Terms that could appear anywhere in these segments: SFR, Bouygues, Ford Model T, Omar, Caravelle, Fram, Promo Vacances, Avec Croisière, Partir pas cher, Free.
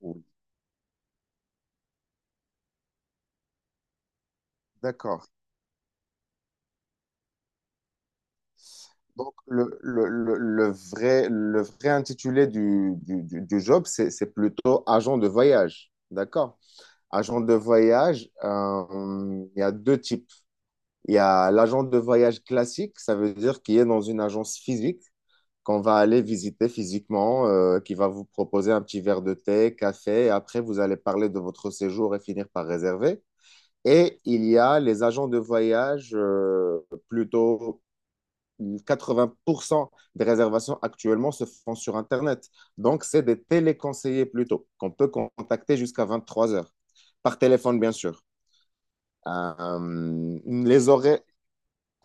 Oui, d'accord. Donc, le vrai intitulé du job, c'est plutôt agent de voyage. D'accord. Agent de voyage, il y a deux types. Il y a l'agent de voyage classique, ça veut dire qu'il est dans une agence physique qu'on va aller visiter physiquement, qui va vous proposer un petit verre de thé, café, et après, vous allez parler de votre séjour et finir par réserver. Et il y a les agents de voyage, plutôt 80% des réservations actuellement se font sur Internet. Donc, c'est des téléconseillers plutôt, qu'on peut contacter jusqu'à 23 heures, par téléphone, bien sûr. Les horaires,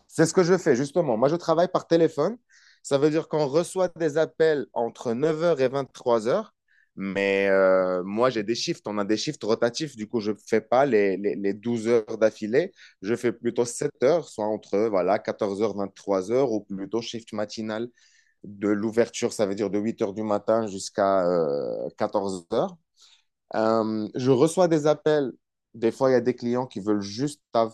c'est ce que je fais, justement. Moi, je travaille par téléphone. Ça veut dire qu'on reçoit des appels entre 9 heures et 23 heures. Mais moi, j'ai des shifts. On a des shifts rotatifs. Du coup, je ne fais pas les 12 heures d'affilée. Je fais plutôt 7 heures, soit entre voilà, 14h, 23 heures, ou plutôt shift matinal de l'ouverture, ça veut dire de 8 heures du matin jusqu'à 14 heures. Je reçois des appels. Des fois, il y a des clients qui veulent juste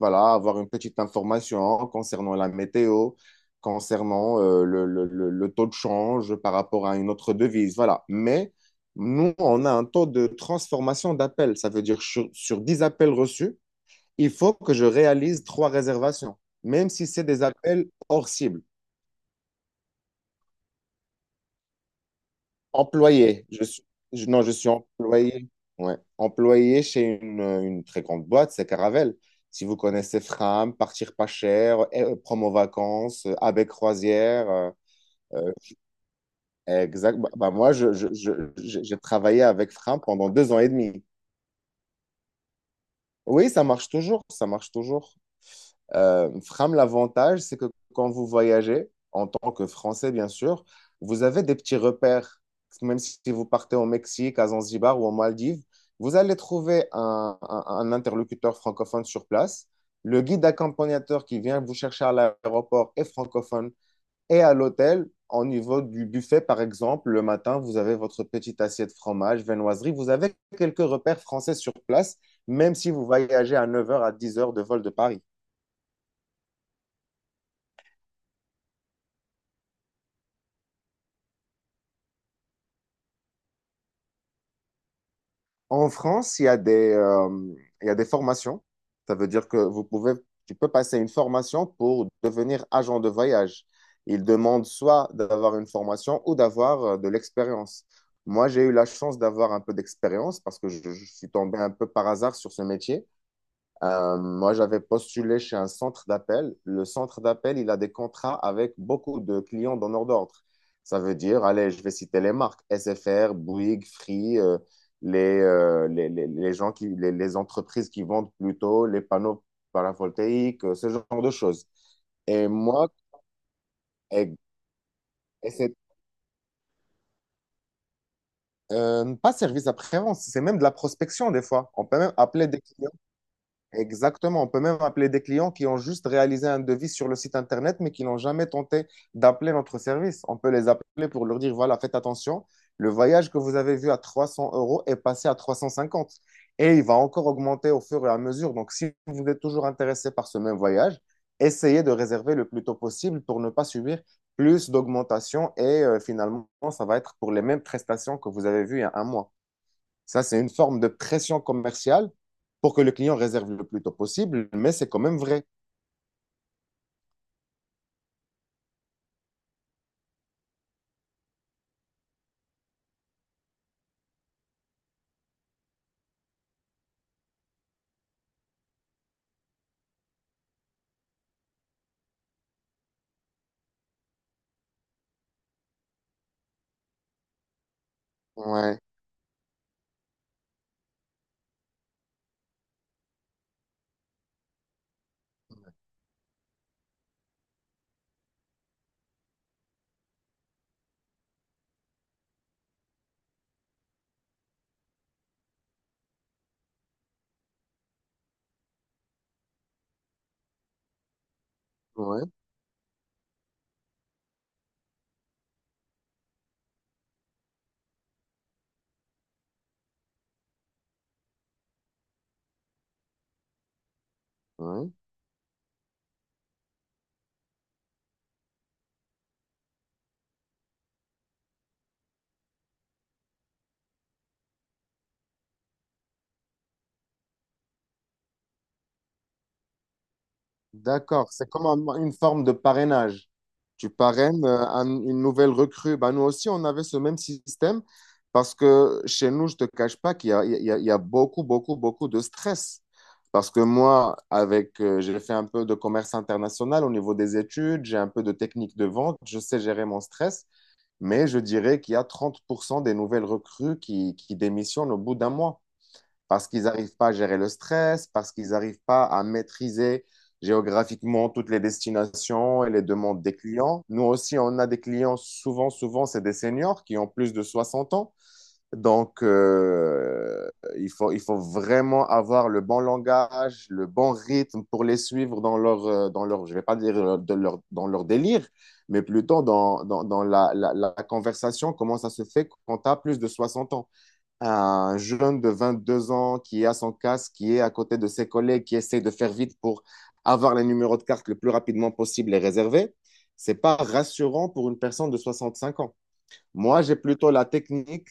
voilà, avoir une petite information concernant la météo, concernant le taux de change par rapport à une autre devise. Voilà. Mais nous, on a un taux de transformation d'appels. Ça veut dire sur 10 appels reçus, il faut que je réalise trois réservations, même si c'est des appels hors cible. Employé. Je suis, non, je suis employé. Ouais. Employé chez une très grande boîte, c'est Caravelle. Si vous connaissez Fram, Partir pas cher, Promo Vacances, Avec Croisière. Euh, Exact. Bah, bah, moi, j'ai travaillé avec Fram pendant 2 ans et demi. Oui, ça marche toujours. Ça marche toujours. Fram, l'avantage, c'est que quand vous voyagez, en tant que Français, bien sûr, vous avez des petits repères. Même si vous partez au Mexique, à Zanzibar ou aux Maldives, vous allez trouver un interlocuteur francophone sur place. Le guide accompagnateur qui vient vous chercher à l'aéroport est francophone et à l'hôtel, au niveau du buffet, par exemple, le matin, vous avez votre petite assiette fromage, viennoiserie. Vous avez quelques repères français sur place, même si vous voyagez à 9 heures à 10 heures de vol de Paris. En France, il y a des formations. Ça veut dire que vous pouvez, tu peux passer une formation pour devenir agent de voyage. Ils demandent soit d'avoir une formation ou d'avoir de l'expérience. Moi, j'ai eu la chance d'avoir un peu d'expérience parce que je suis tombé un peu par hasard sur ce métier. Moi, j'avais postulé chez un centre d'appel. Le centre d'appel, il a des contrats avec beaucoup de clients donneurs d'ordre. Ça veut dire, allez, je vais citer les marques, SFR, Bouygues, Free, les entreprises qui vendent plutôt les panneaux paravoltaïques, ce genre de choses. Et moi, et- et c'est pas service après-vente, c'est même de la prospection des fois. On peut même appeler des clients. Exactement. On peut même appeler des clients qui ont juste réalisé un devis sur le site Internet, mais qui n'ont jamais tenté d'appeler notre service. On peut les appeler pour leur dire, voilà, faites attention, le voyage que vous avez vu à 300 euros est passé à 350 et il va encore augmenter au fur et à mesure. Donc, si vous êtes toujours intéressé par ce même voyage, essayez de réserver le plus tôt possible pour ne pas subir plus d'augmentation et finalement, ça va être pour les mêmes prestations que vous avez vues il y a un mois. Ça, c'est une forme de pression commerciale pour que le client réserve le plus tôt possible, mais c'est quand même vrai. Ouais, ouais, ouais. D'accord. C'est comme une forme de parrainage. Tu parraines une nouvelle recrue. Ben, nous aussi, on avait ce même système parce que chez nous, je ne te cache pas qu'il y a beaucoup, beaucoup, beaucoup de stress. Parce que moi, j'ai fait un peu de commerce international au niveau des études, j'ai un peu de technique de vente, je sais gérer mon stress. Mais je dirais qu'il y a 30% des nouvelles recrues qui démissionnent au bout d'un mois parce qu'ils n'arrivent pas à gérer le stress, parce qu'ils n'arrivent pas à maîtriser géographiquement toutes les destinations et les demandes des clients. Nous aussi, on a des clients, souvent, souvent, c'est des seniors qui ont plus de 60 ans donc, il faut vraiment avoir le bon langage, le bon rythme pour les suivre dans leur, je vais pas dire, dans leur délire, mais plutôt dans la conversation, comment ça se fait quand tu as plus de 60 ans. Un jeune de 22 ans qui a son casque, qui est à côté de ses collègues, qui essaie de faire vite pour avoir les numéros de carte le plus rapidement possible et réserver, c'est pas rassurant pour une personne de 65 ans. Moi, j'ai plutôt la technique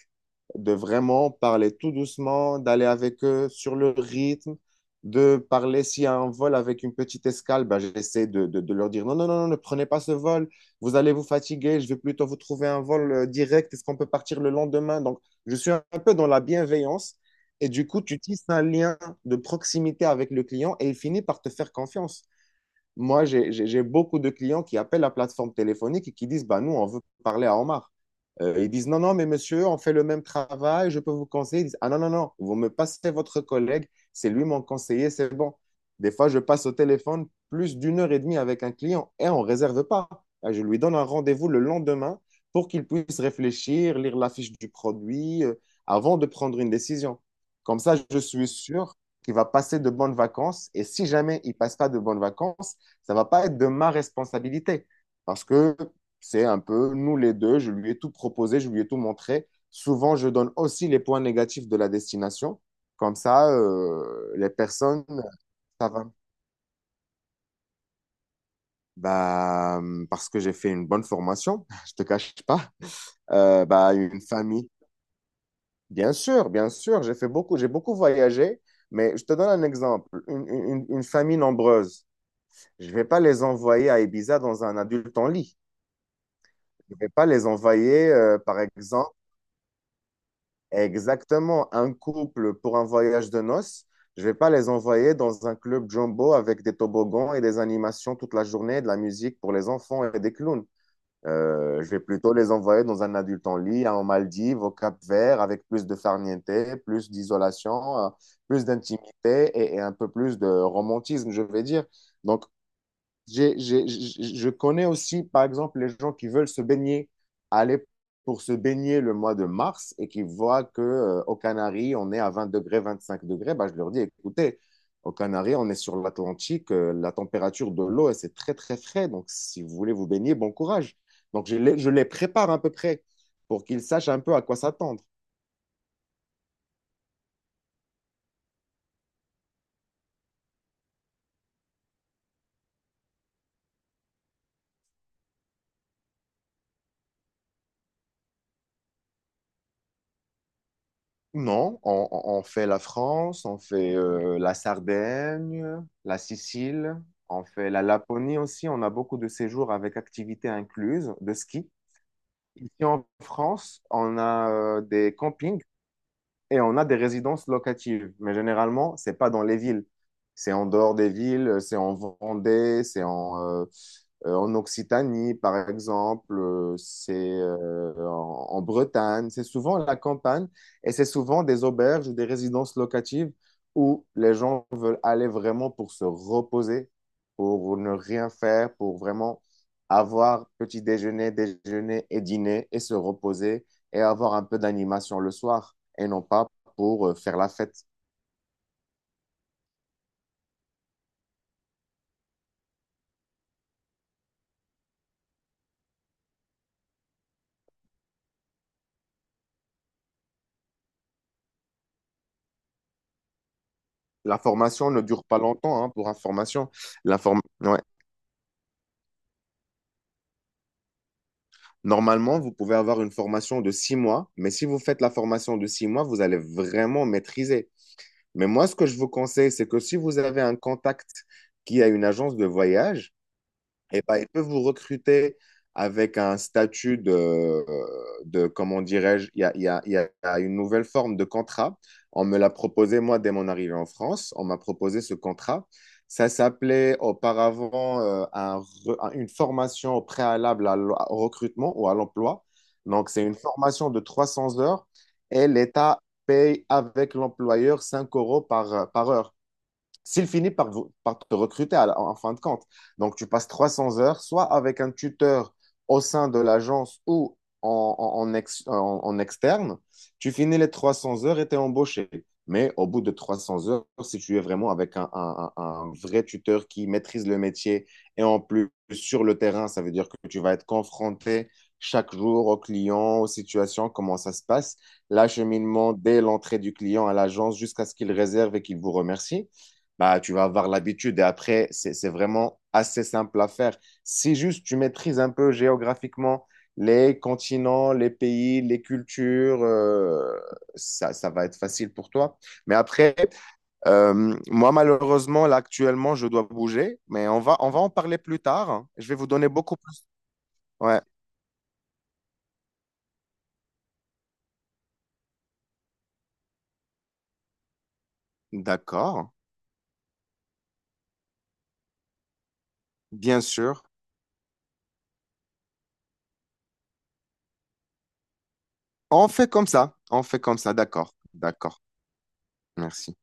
de vraiment parler tout doucement, d'aller avec eux sur le rythme, de parler s'il y a un vol avec une petite escale, ben, j'essaie de leur dire non, non, non, non, ne prenez pas ce vol, vous allez vous fatiguer, je vais plutôt vous trouver un vol direct, est-ce qu'on peut partir le lendemain? Donc, je suis un peu dans la bienveillance et du coup, tu tisses un lien de proximité avec le client et il finit par te faire confiance. Moi, j'ai beaucoup de clients qui appellent la plateforme téléphonique et qui disent, bah, nous, on veut parler à Omar. Ils disent, non, non, mais monsieur, on fait le même travail, je peux vous conseiller. Ils disent, ah non, non, non, vous me passez votre collègue, c'est lui mon conseiller, c'est bon. Des fois, je passe au téléphone plus d'une heure et demie avec un client et on ne réserve pas. Ah, je lui donne un rendez-vous le lendemain pour qu'il puisse réfléchir, lire la fiche du produit avant de prendre une décision. Comme ça, je suis sûr qu'il va passer de bonnes vacances et si jamais il passe pas de bonnes vacances, ça va pas être de ma responsabilité parce que c'est un peu nous les deux, je lui ai tout proposé, je lui ai tout montré. Souvent, je donne aussi les points négatifs de la destination. Comme ça, les personnes, ça va. Bah, parce que j'ai fait une bonne formation, je te cache pas. Bah, une famille. Bien sûr, j'ai fait beaucoup, j'ai beaucoup voyagé, mais je te donne un exemple. Une famille nombreuse, je vais pas les envoyer à Ibiza dans un adulte en lit. Je ne vais pas les envoyer, par exemple, exactement un couple pour un voyage de noces. Je ne vais pas les envoyer dans un club jumbo avec des toboggans et des animations toute la journée, de la musique pour les enfants et des clowns. Je vais plutôt les envoyer dans un adulte en lit, hein, en Maldives, au Cap-Vert, avec plus de farniente, plus d'isolation, plus d'intimité et un peu plus de romantisme, je vais dire. Donc, je connais aussi, par exemple, les gens qui veulent se baigner, aller pour se baigner le mois de mars et qui voient que, aux Canaries, on est à 20 degrés, 25 degrés. Bah, je leur dis, écoutez, aux Canaries, on est sur l'Atlantique, la température de l'eau, elle, c'est très, très frais. Donc, si vous voulez vous baigner, bon courage. Donc, je les prépare à peu près pour qu'ils sachent un peu à quoi s'attendre. Non, on fait la France, on fait la Sardaigne, la Sicile, on fait la Laponie aussi. On a beaucoup de séjours avec activités incluses de ski. Ici en France, on a des campings et on a des résidences locatives. Mais généralement, c'est pas dans les villes. C'est en dehors des villes, c'est en Vendée, c'est en Occitanie, par exemple, c'est en Bretagne. C'est souvent la campagne et c'est souvent des auberges ou des résidences locatives où les gens veulent aller vraiment pour se reposer, pour ne rien faire, pour vraiment avoir petit déjeuner, déjeuner et dîner et se reposer et avoir un peu d'animation le soir et non pas pour faire la fête. La formation ne dure pas longtemps hein, pour information. Ouais. Normalement, vous pouvez avoir une formation de 6 mois, mais si vous faites la formation de 6 mois, vous allez vraiment maîtriser. Mais moi, ce que je vous conseille, c'est que si vous avez un contact qui a une agence de voyage, et ben, ils peuvent vous recruter avec un statut de comment dirais-je, il y a une nouvelle forme de contrat. On me l'a proposé, moi, dès mon arrivée en France, on m'a proposé ce contrat. Ça s'appelait auparavant une formation au préalable à au recrutement ou à l'emploi. Donc, c'est une formation de 300 heures et l'État paye avec l'employeur 5 euros par heure s'il finit par te recruter à en fin de compte. Donc, tu passes 300 heures, soit avec un tuteur au sein de l'agence ou en externe, tu finis les 300 heures et tu es embauché. Mais au bout de 300 heures, si tu es vraiment avec un vrai tuteur qui maîtrise le métier et en plus sur le terrain, ça veut dire que tu vas être confronté chaque jour aux clients, aux situations, comment ça se passe, l'acheminement dès l'entrée du client à l'agence jusqu'à ce qu'il réserve et qu'il vous remercie bah, tu vas avoir l'habitude. Et après, c'est vraiment assez simple à faire. Si juste tu maîtrises un peu géographiquement les continents, les pays, les cultures, ça va être facile pour toi. Mais après, moi, malheureusement, là, actuellement, je dois bouger, mais on va en parler plus tard, hein. Je vais vous donner beaucoup plus. Ouais, d'accord, bien sûr. On fait comme ça, on fait comme ça, d'accord, d'accord. Merci.